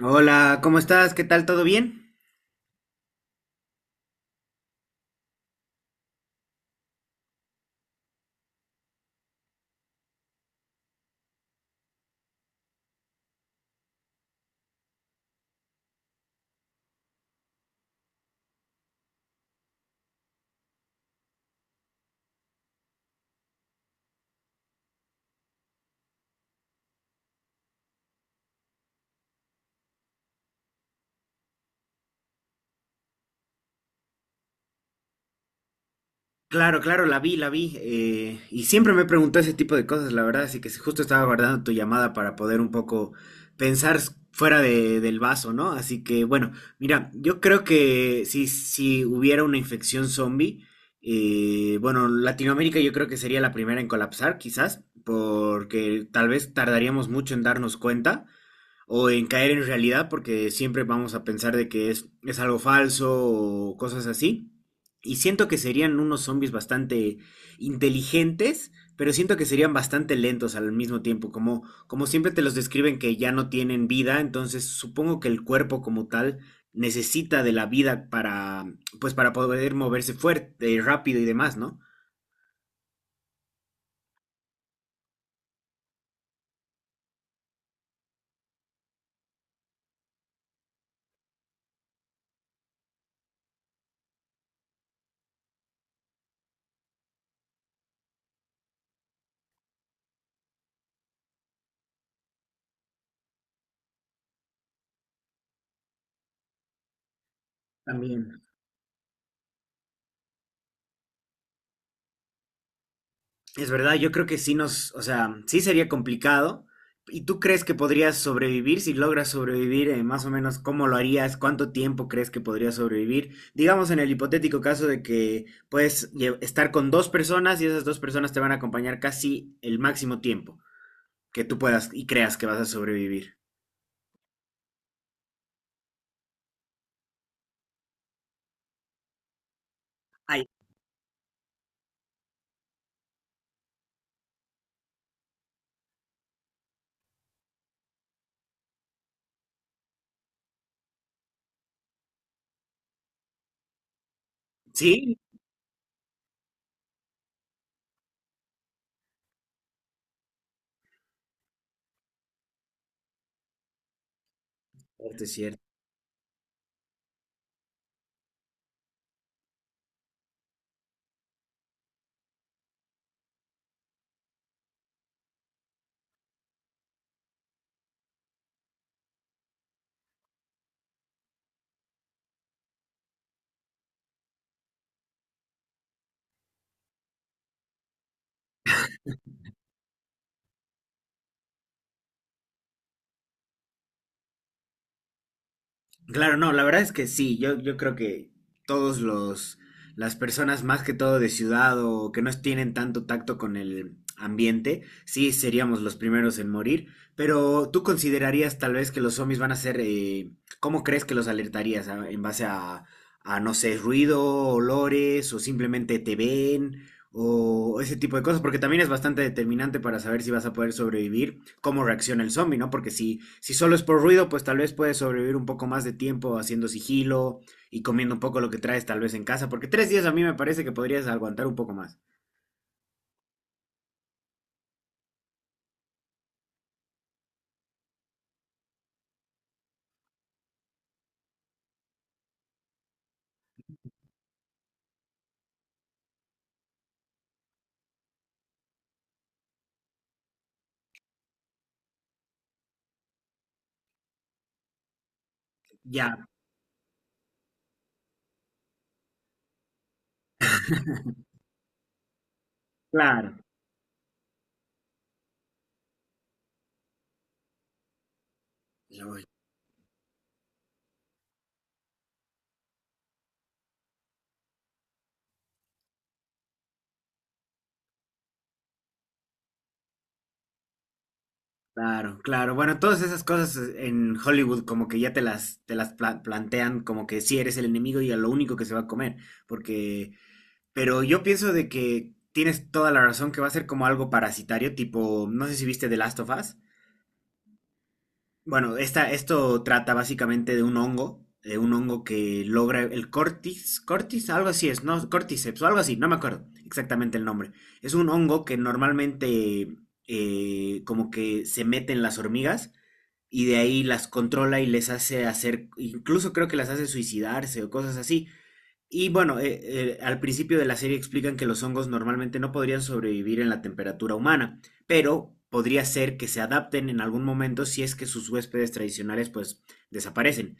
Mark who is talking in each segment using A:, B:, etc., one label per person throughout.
A: Hola, ¿cómo estás? ¿Qué tal? ¿Todo bien? Claro, claro, la vi, la vi. Y siempre me preguntó ese tipo de cosas, la verdad, así que si justo estaba guardando tu llamada para poder un poco pensar fuera del vaso, ¿no? Así que, bueno, mira, yo creo que si hubiera una infección zombie, bueno, Latinoamérica yo creo que sería la primera en colapsar, quizás, porque tal vez tardaríamos mucho en darnos cuenta, o en caer en realidad, porque siempre vamos a pensar de que es algo falso o cosas así. Y siento que serían unos zombies bastante inteligentes, pero siento que serían bastante lentos al mismo tiempo, como, como siempre te los describen que ya no tienen vida, entonces supongo que el cuerpo como tal necesita de la vida para, pues para poder moverse fuerte, rápido y demás, ¿no? También. Es verdad, yo creo que sí nos, o sea, sí sería complicado. ¿Y tú crees que podrías sobrevivir? Si logras sobrevivir, más o menos, ¿cómo lo harías? ¿Cuánto tiempo crees que podrías sobrevivir? Digamos en el hipotético caso de que puedes estar con dos personas y esas dos personas te van a acompañar casi el máximo tiempo que tú puedas y creas que vas a sobrevivir. Ay, ¿sí? Este sí. Claro, no, la verdad es que sí, yo creo que todos los, las personas más que todo de ciudad o que no tienen tanto tacto con el ambiente, sí seríamos los primeros en morir, pero tú considerarías tal vez que los zombies van a ser, ¿cómo crees que los alertarías? ¿En base a, no sé, ruido, olores o simplemente te ven? O ese tipo de cosas, porque también es bastante determinante para saber si vas a poder sobrevivir, cómo reacciona el zombie, ¿no? Porque si solo es por ruido, pues tal vez puedes sobrevivir un poco más de tiempo haciendo sigilo y comiendo un poco lo que traes tal vez en casa, porque tres días a mí me parece que podrías aguantar un poco más. Ya, claro. Ya voy. Claro, claro. Bueno, todas esas cosas, en Hollywood como que ya te las plantean como que si eres el enemigo y a lo único que se va a comer, porque... Pero yo pienso de que tienes toda la razón que va a ser como algo parasitario, tipo, no sé si viste The Last of Us. Bueno, esta, esto trata básicamente de un hongo que logra el cortis, cortis, algo así es, ¿no? Corticeps o algo así, no me acuerdo exactamente el nombre. Es un hongo que normalmente, como que se mete en las hormigas y de ahí las controla y les hace hacer, incluso creo que las hace suicidarse o cosas así. Y bueno, al principio de la serie explican que los hongos normalmente no podrían sobrevivir en la temperatura humana, pero podría ser que se adapten en algún momento si es que sus huéspedes tradicionales pues desaparecen.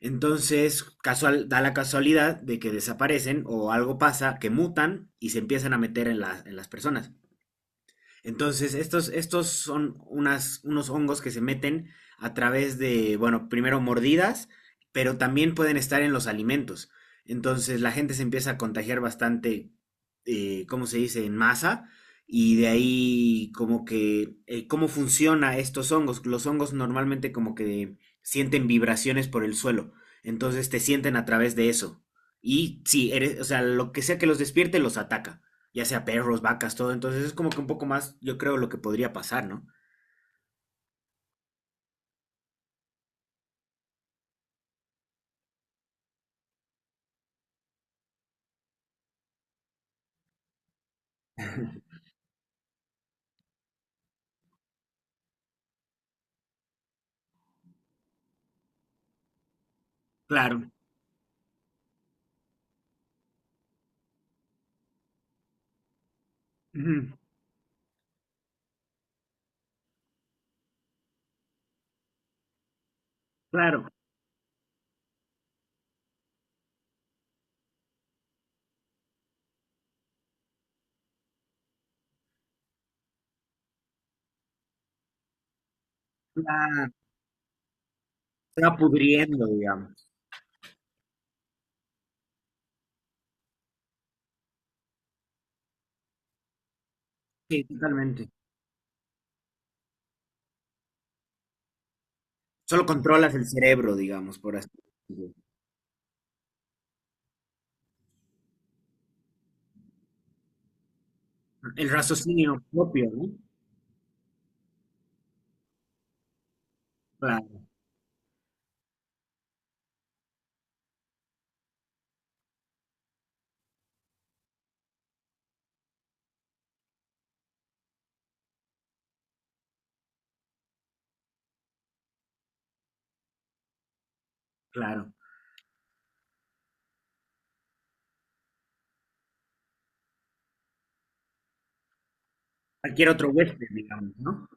A: Entonces, casual, da la casualidad de que desaparecen o algo pasa, que mutan y se empiezan a meter en en las personas. Entonces, estos, estos son unas, unos hongos que se meten a través de, bueno, primero mordidas, pero también pueden estar en los alimentos. Entonces, la gente se empieza a contagiar bastante, ¿cómo se dice?, en masa. Y de ahí como que, ¿cómo funciona estos hongos? Los hongos normalmente como que sienten vibraciones por el suelo. Entonces te sienten a través de eso. Y sí, eres, o sea, lo que sea que los despierte los ataca, ya sea perros, vacas, todo. Entonces es como que un poco más, yo creo, lo que podría pasar, ¿no? Claro, ujú, claro, la- se va pudriendo, digamos. Sí, totalmente. Solo controlas el cerebro, digamos, por así decirlo. El raciocinio propio, ¿no? Claro, claro. Cualquier otro huésped, digamos, ¿no?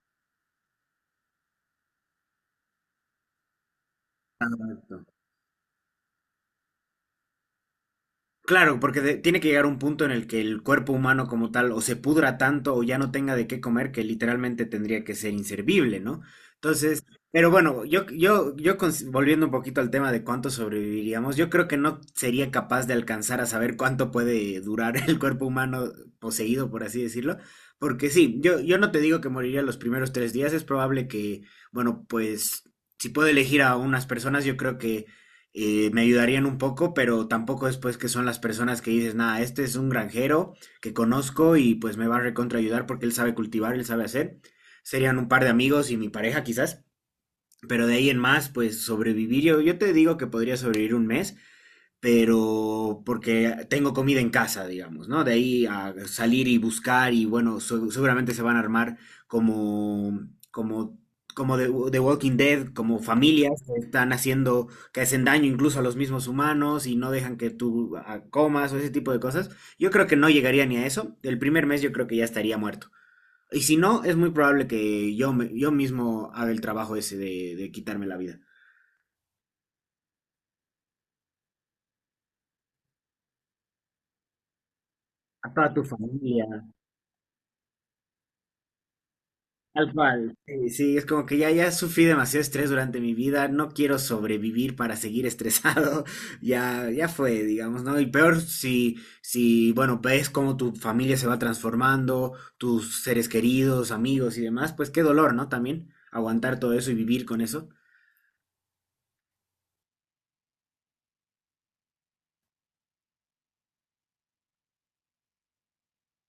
A: Claro, porque tiene que llegar un punto en el que el cuerpo humano como tal o se pudra tanto o ya no tenga de qué comer que literalmente tendría que ser inservible, ¿no? Entonces, pero bueno, yo, volviendo un poquito al tema de cuánto sobreviviríamos, yo creo que no sería capaz de alcanzar a saber cuánto puede durar el cuerpo humano poseído, por así decirlo, porque sí, yo no te digo que moriría los primeros tres días, es probable que, bueno, pues si puedo elegir a unas personas, yo creo que, me ayudarían un poco, pero tampoco después que son las personas que dices, nada, este es un granjero que conozco y pues me va a recontra ayudar porque él sabe cultivar, él sabe hacer. Serían un par de amigos y mi pareja quizás, pero de ahí en más, pues sobrevivir, yo te digo que podría sobrevivir un mes, pero porque tengo comida en casa, digamos, ¿no? De ahí a salir y buscar y bueno, seguramente se van a armar como, como, como de Walking Dead, como familias que están haciendo, que hacen daño incluso a los mismos humanos y no dejan que tú ah, comas o ese tipo de cosas. Yo creo que no llegaría ni a eso. El primer mes yo creo que ya estaría muerto. Y si no, es muy probable que yo, yo mismo haga el trabajo ese de quitarme la vida. A toda tu familia. Tal cual. Sí, sí, es como que ya, ya sufrí demasiado estrés durante mi vida, no quiero sobrevivir para seguir estresado, ya, ya fue, digamos, ¿no? Y peor si, si, bueno, ves cómo tu familia se va transformando, tus seres queridos, amigos y demás, pues qué dolor, ¿no? También aguantar todo eso y vivir con eso.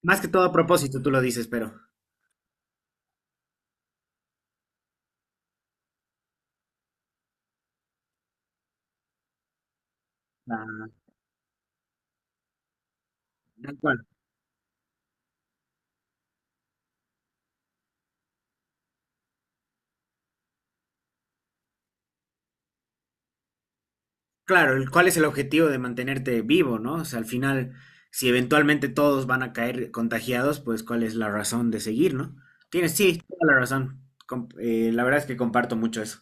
A: Más que todo a propósito, tú lo dices, pero... Ah, tal cual. Claro, el, ¿cuál es el objetivo de mantenerte vivo, no? O sea, al final, si eventualmente todos van a caer contagiados, pues ¿cuál es la razón de seguir, no? Tienes, sí, toda la razón. La verdad es que comparto mucho eso.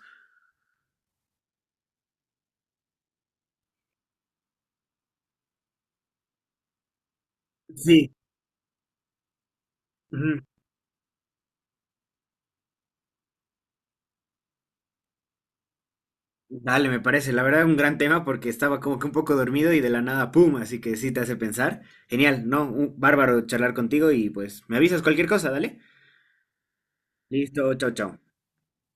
A: Sí. Ujú. Dale, me parece. La verdad, un gran tema porque estaba como que un poco dormido y de la nada, ¡pum! Así que sí te hace pensar. Genial, ¿no? Un bárbaro charlar contigo y pues me avisas cualquier cosa, dale. Listo, chao, chao.